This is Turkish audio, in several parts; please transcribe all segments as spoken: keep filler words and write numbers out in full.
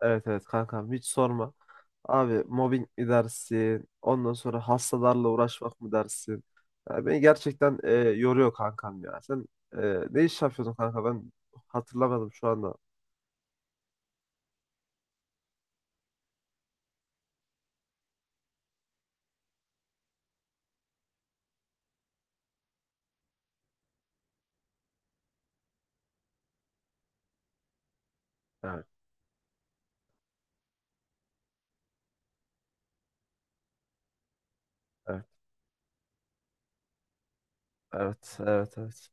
Evet evet kankam, hiç sorma. Abi mobbing mi dersin? Ondan sonra hastalarla uğraşmak mı dersin? Ya beni gerçekten e, yoruyor kankam ya. Sen e, ne iş yapıyordun kanka? Ben hatırlamadım şu anda. Evet evet evet evet, evet.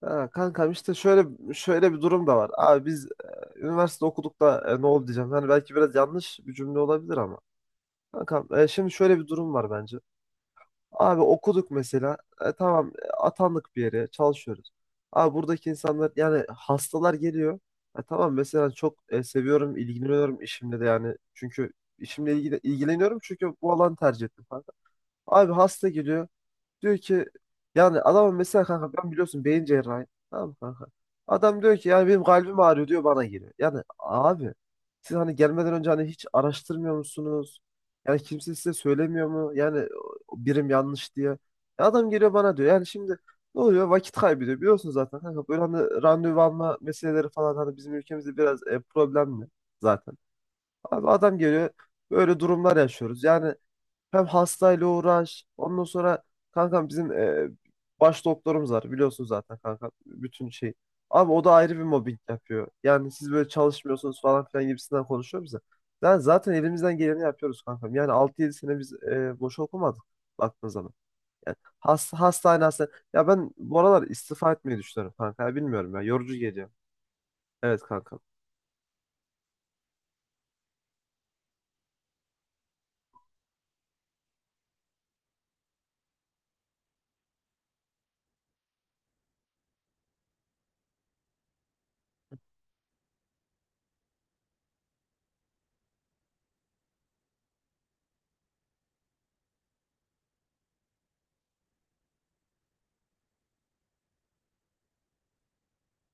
Ha, kankam işte şöyle şöyle bir durum da var. Abi biz e, üniversite okuduk da e, ne oldu diyeceğim. Yani belki biraz yanlış bir cümle olabilir ama. Kankam, e, şimdi şöyle bir durum var bence. Abi okuduk mesela. E, tamam, e, atandık bir yere çalışıyoruz. Abi buradaki insanlar yani hastalar geliyor. E, tamam mesela çok e, seviyorum, ilgileniyorum işimle de yani. Çünkü işimle ilgili, ilgileniyorum çünkü bu alanı tercih ettim falan. Abi hasta geliyor. Diyor ki yani, adamın mesela, kanka ben biliyorsun beyin cerrahi. Tamam mı kanka? Adam diyor ki yani benim kalbim ağrıyor diyor, bana geliyor. Yani abi siz hani gelmeden önce hani hiç araştırmıyor musunuz? Yani kimse size söylemiyor mu? Yani o birim yanlış diye. E, adam geliyor bana diyor. Yani şimdi ne oluyor? Vakit kaybediyor. Biliyorsun zaten kanka böyle hani randevu alma meseleleri falan hani bizim ülkemizde biraz e, problemli zaten. Abi adam geliyor. Böyle durumlar yaşıyoruz. Yani hem hastayla uğraş. Ondan sonra kankam bizim e, baş doktorumuz var. Biliyorsun zaten kanka bütün şey. Abi o da ayrı bir mobbing yapıyor. Yani siz böyle çalışmıyorsunuz falan filan gibisinden konuşuyor bize. Yani zaten elimizden geleni yapıyoruz kankam. Yani altı yedi sene biz e, boş okumadık baktığın zaman. Yani has, hastane hastane. Ya ben bu aralar istifa etmeyi düşünüyorum kanka. Ya bilmiyorum ya. Yorucu geliyor. Evet kankam.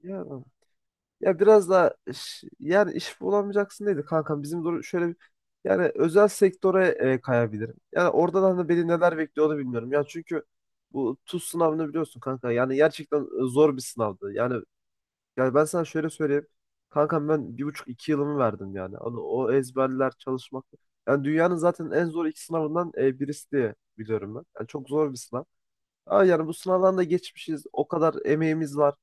Ya, ya biraz da yani iş bulamayacaksın dedi kankam. Bizim doğru şöyle bir, yani özel sektöre e, kayabilirim. Yani orada da hani beni neler bekliyor onu bilmiyorum. Ya çünkü bu TUS sınavını biliyorsun kanka. Yani gerçekten e, zor bir sınavdı. Yani, yani ben sana şöyle söyleyeyim. Kankam ben bir buçuk iki yılımı verdim yani. Onu, o ezberler çalışmak. Yani dünyanın zaten en zor iki sınavından e, birisi diye biliyorum ben. Yani çok zor bir sınav. Ama yani bu sınavdan da geçmişiz. O kadar emeğimiz var.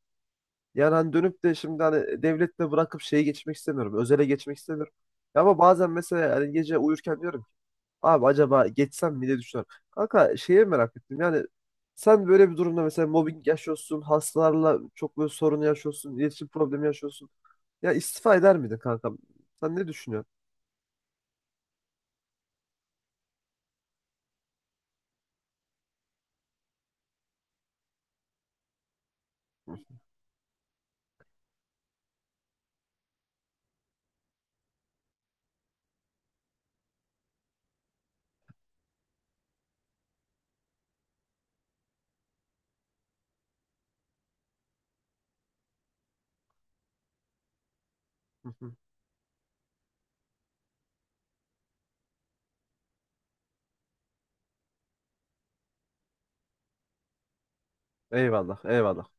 Yani hani dönüp de şimdi hani devletle bırakıp şeye geçmek istemiyorum. Özele geçmek istemiyorum. Ya ama bazen mesela hani gece uyurken diyorum ki abi acaba geçsem mi diye düşünüyorum. Kanka şeye merak ettim yani, sen böyle bir durumda mesela mobbing yaşıyorsun, hastalarla çok böyle sorunu yaşıyorsun, iletişim problemi yaşıyorsun. Ya istifa eder miydin kanka? Sen ne düşünüyorsun? Hı hı. Eyvallah, eyvallah.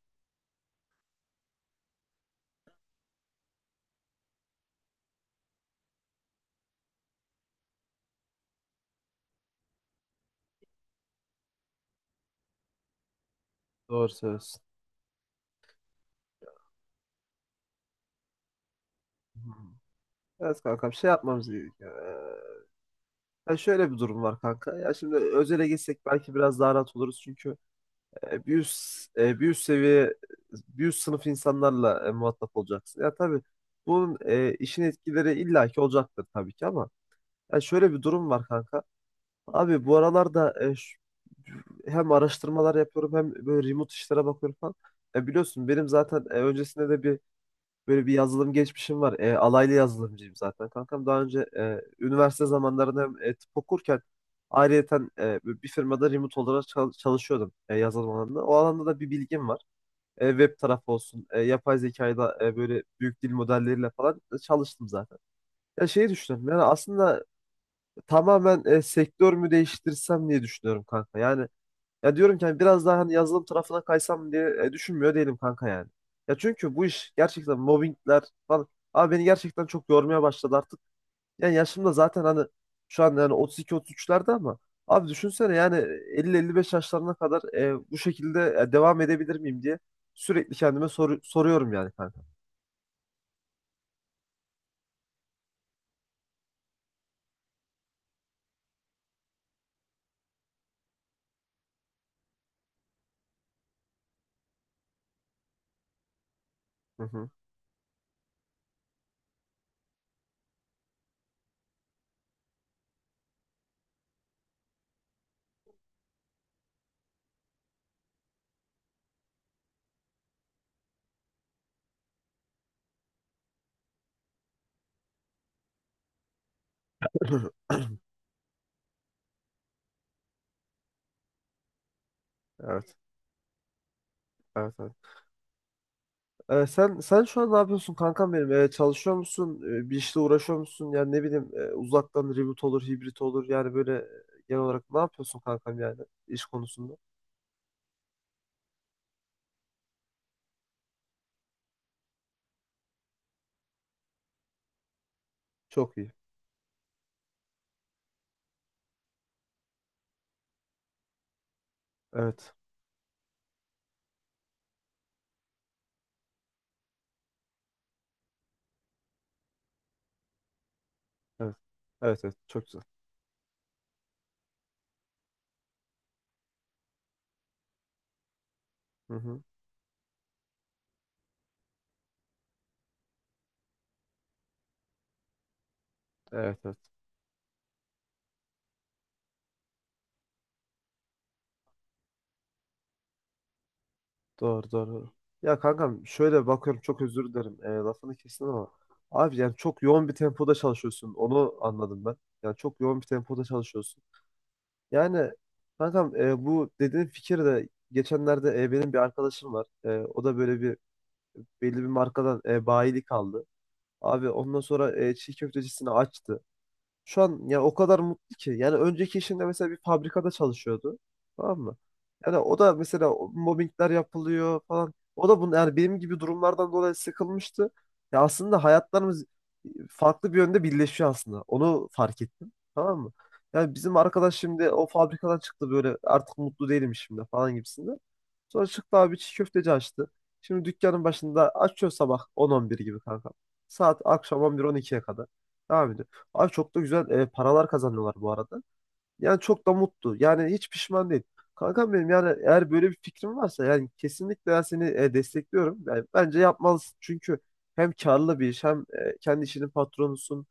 Doğru söylüyorsun. Hmm. Evet kankam, şey yapmamız gerekiyor. Ee, ya şöyle bir durum var kanka. Ya şimdi özele geçsek belki biraz daha rahat oluruz çünkü e, bir üst, e, bir üst seviye, bir üst sınıf insanlarla e, muhatap olacaksın. Ya tabii bunun e, işin etkileri illaki olacaktır tabii ki ama ya şöyle bir durum var kanka. Abi bu aralarda e, şu- hem araştırmalar yapıyorum hem böyle remote işlere bakıyorum falan. E, biliyorsun benim zaten e, öncesinde de bir, böyle bir yazılım geçmişim var. E, alaylı yazılımcıyım zaten kankam. Daha önce e, üniversite zamanlarında hem e, tıp okurken ayrıyeten e, bir firmada remote olarak çal- çalışıyordum e, yazılım alanında. O alanda da bir bilgim var. E, web tarafı olsun, e, yapay zekayla e, böyle büyük dil modelleriyle falan e, çalıştım zaten. Ya şeyi düşünüyorum. Yani aslında tamamen e, sektör mü değiştirsem diye düşünüyorum kanka. Yani ya diyorum ki hani biraz daha hani yazılım tarafına kaysam diye e, düşünmüyor değilim kanka yani. Ya çünkü bu iş gerçekten mobbingler falan. Abi beni gerçekten çok yormaya başladı artık. Yani yaşım da zaten hani şu an yani otuz iki otuz üçlerde ama abi düşünsene yani elli elli beş yaşlarına kadar e, bu şekilde e, devam edebilir miyim diye sürekli kendime soru- soruyorum yani kanka. Hı hı. Evet, evet, evet. Ee, sen sen şu an ne yapıyorsun kankam benim? Ee, çalışıyor musun? Ee, bir işle uğraşıyor musun? Yani ne bileyim, e, uzaktan reboot olur, hibrit olur. Yani böyle e, genel olarak ne yapıyorsun kankam yani iş konusunda? Çok iyi. Evet. Evet. Evet evet. Çok güzel. Hı hı. Evet evet. Doğru doğru. Ya kankam şöyle bakıyorum, çok özür dilerim. Ee, lafını kestim ama. Abi yani çok yoğun bir tempoda çalışıyorsun. Onu anladım ben. Yani çok yoğun bir tempoda çalışıyorsun. Yani kankam, e, bu dediğin fikir de geçenlerde, e, benim bir arkadaşım var. E, o da böyle bir belli bir markadan e, bayilik aldı. Abi ondan sonra e, çiğ köftecisini açtı. Şu an ya o kadar mutlu ki. Yani önceki işinde mesela bir fabrikada çalışıyordu. Tamam mı? Yani o da mesela o- mobbingler yapılıyor falan. O da bunu yani benim gibi durumlardan dolayı sıkılmıştı. Ya aslında hayatlarımız farklı bir yönde birleşiyor aslında. Onu fark ettim. Tamam mı? Yani bizim arkadaş şimdi o fabrikadan çıktı, böyle artık mutlu değilim şimdi falan gibisinde. Sonra çıktı abi, çiğ köfteci açtı. Şimdi dükkanın başında açıyor sabah on on bir gibi kanka. Saat akşam on bir on ikiye kadar. Devam ediyor. Abi çok da güzel e, paralar kazanıyorlar bu arada. Yani çok da mutlu. Yani hiç pişman değil. Kankam benim yani eğer böyle bir fikrin varsa yani kesinlikle ben seni e, destekliyorum. Yani bence yapmalısın. Çünkü hem karlı bir iş hem e, kendi işinin patronusun.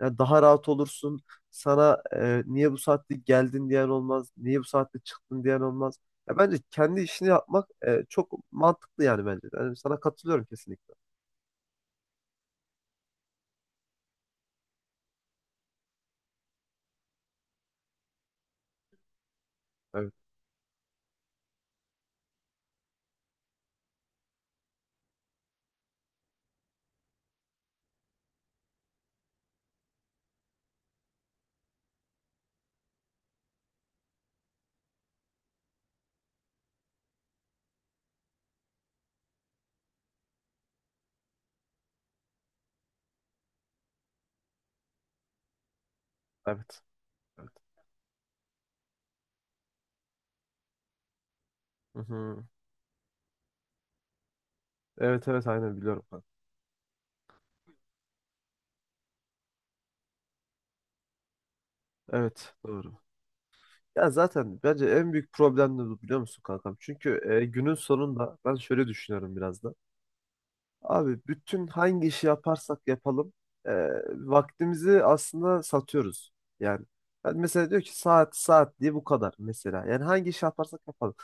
Yani daha rahat olursun. Sana e, niye bu saatte geldin diyen olmaz. Niye bu saatte çıktın diyen olmaz. Ya bence kendi işini yapmak e, çok mantıklı yani bence. Yani sana katılıyorum kesinlikle. Evet, evet, evet. Hı hı. Evet, evet aynen biliyorum ben. Evet, doğru. Ya zaten bence en büyük problem de bu biliyor musun kankam? Çünkü e, günün sonunda ben şöyle düşünüyorum biraz da. Abi bütün hangi işi yaparsak yapalım, e, vaktimizi aslında satıyoruz. Yani ben mesela diyor ki saat saat diye bu kadar mesela. Yani hangi işi yaparsak yapalım.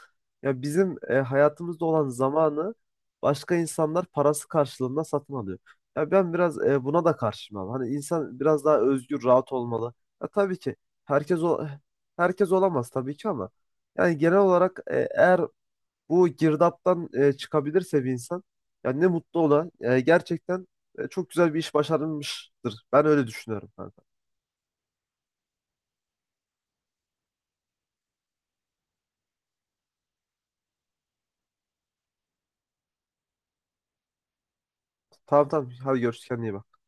Ya bizim e, hayatımızda olan zamanı başka insanlar parası karşılığında satın alıyor. Ya ben biraz e, buna da karşıyım abi. Hani insan biraz daha özgür, rahat olmalı. Ya tabii ki herkes o herkes olamaz tabii ki ama yani genel olarak, e, eğer bu girdaptan e, çıkabilirse bir insan, yani ne mutlu ona. E, gerçekten e, çok güzel bir iş başarılmıştır. Ben öyle düşünüyorum kanka. Tamam tamam. Hadi görüşürüz. Kendine iyi bak.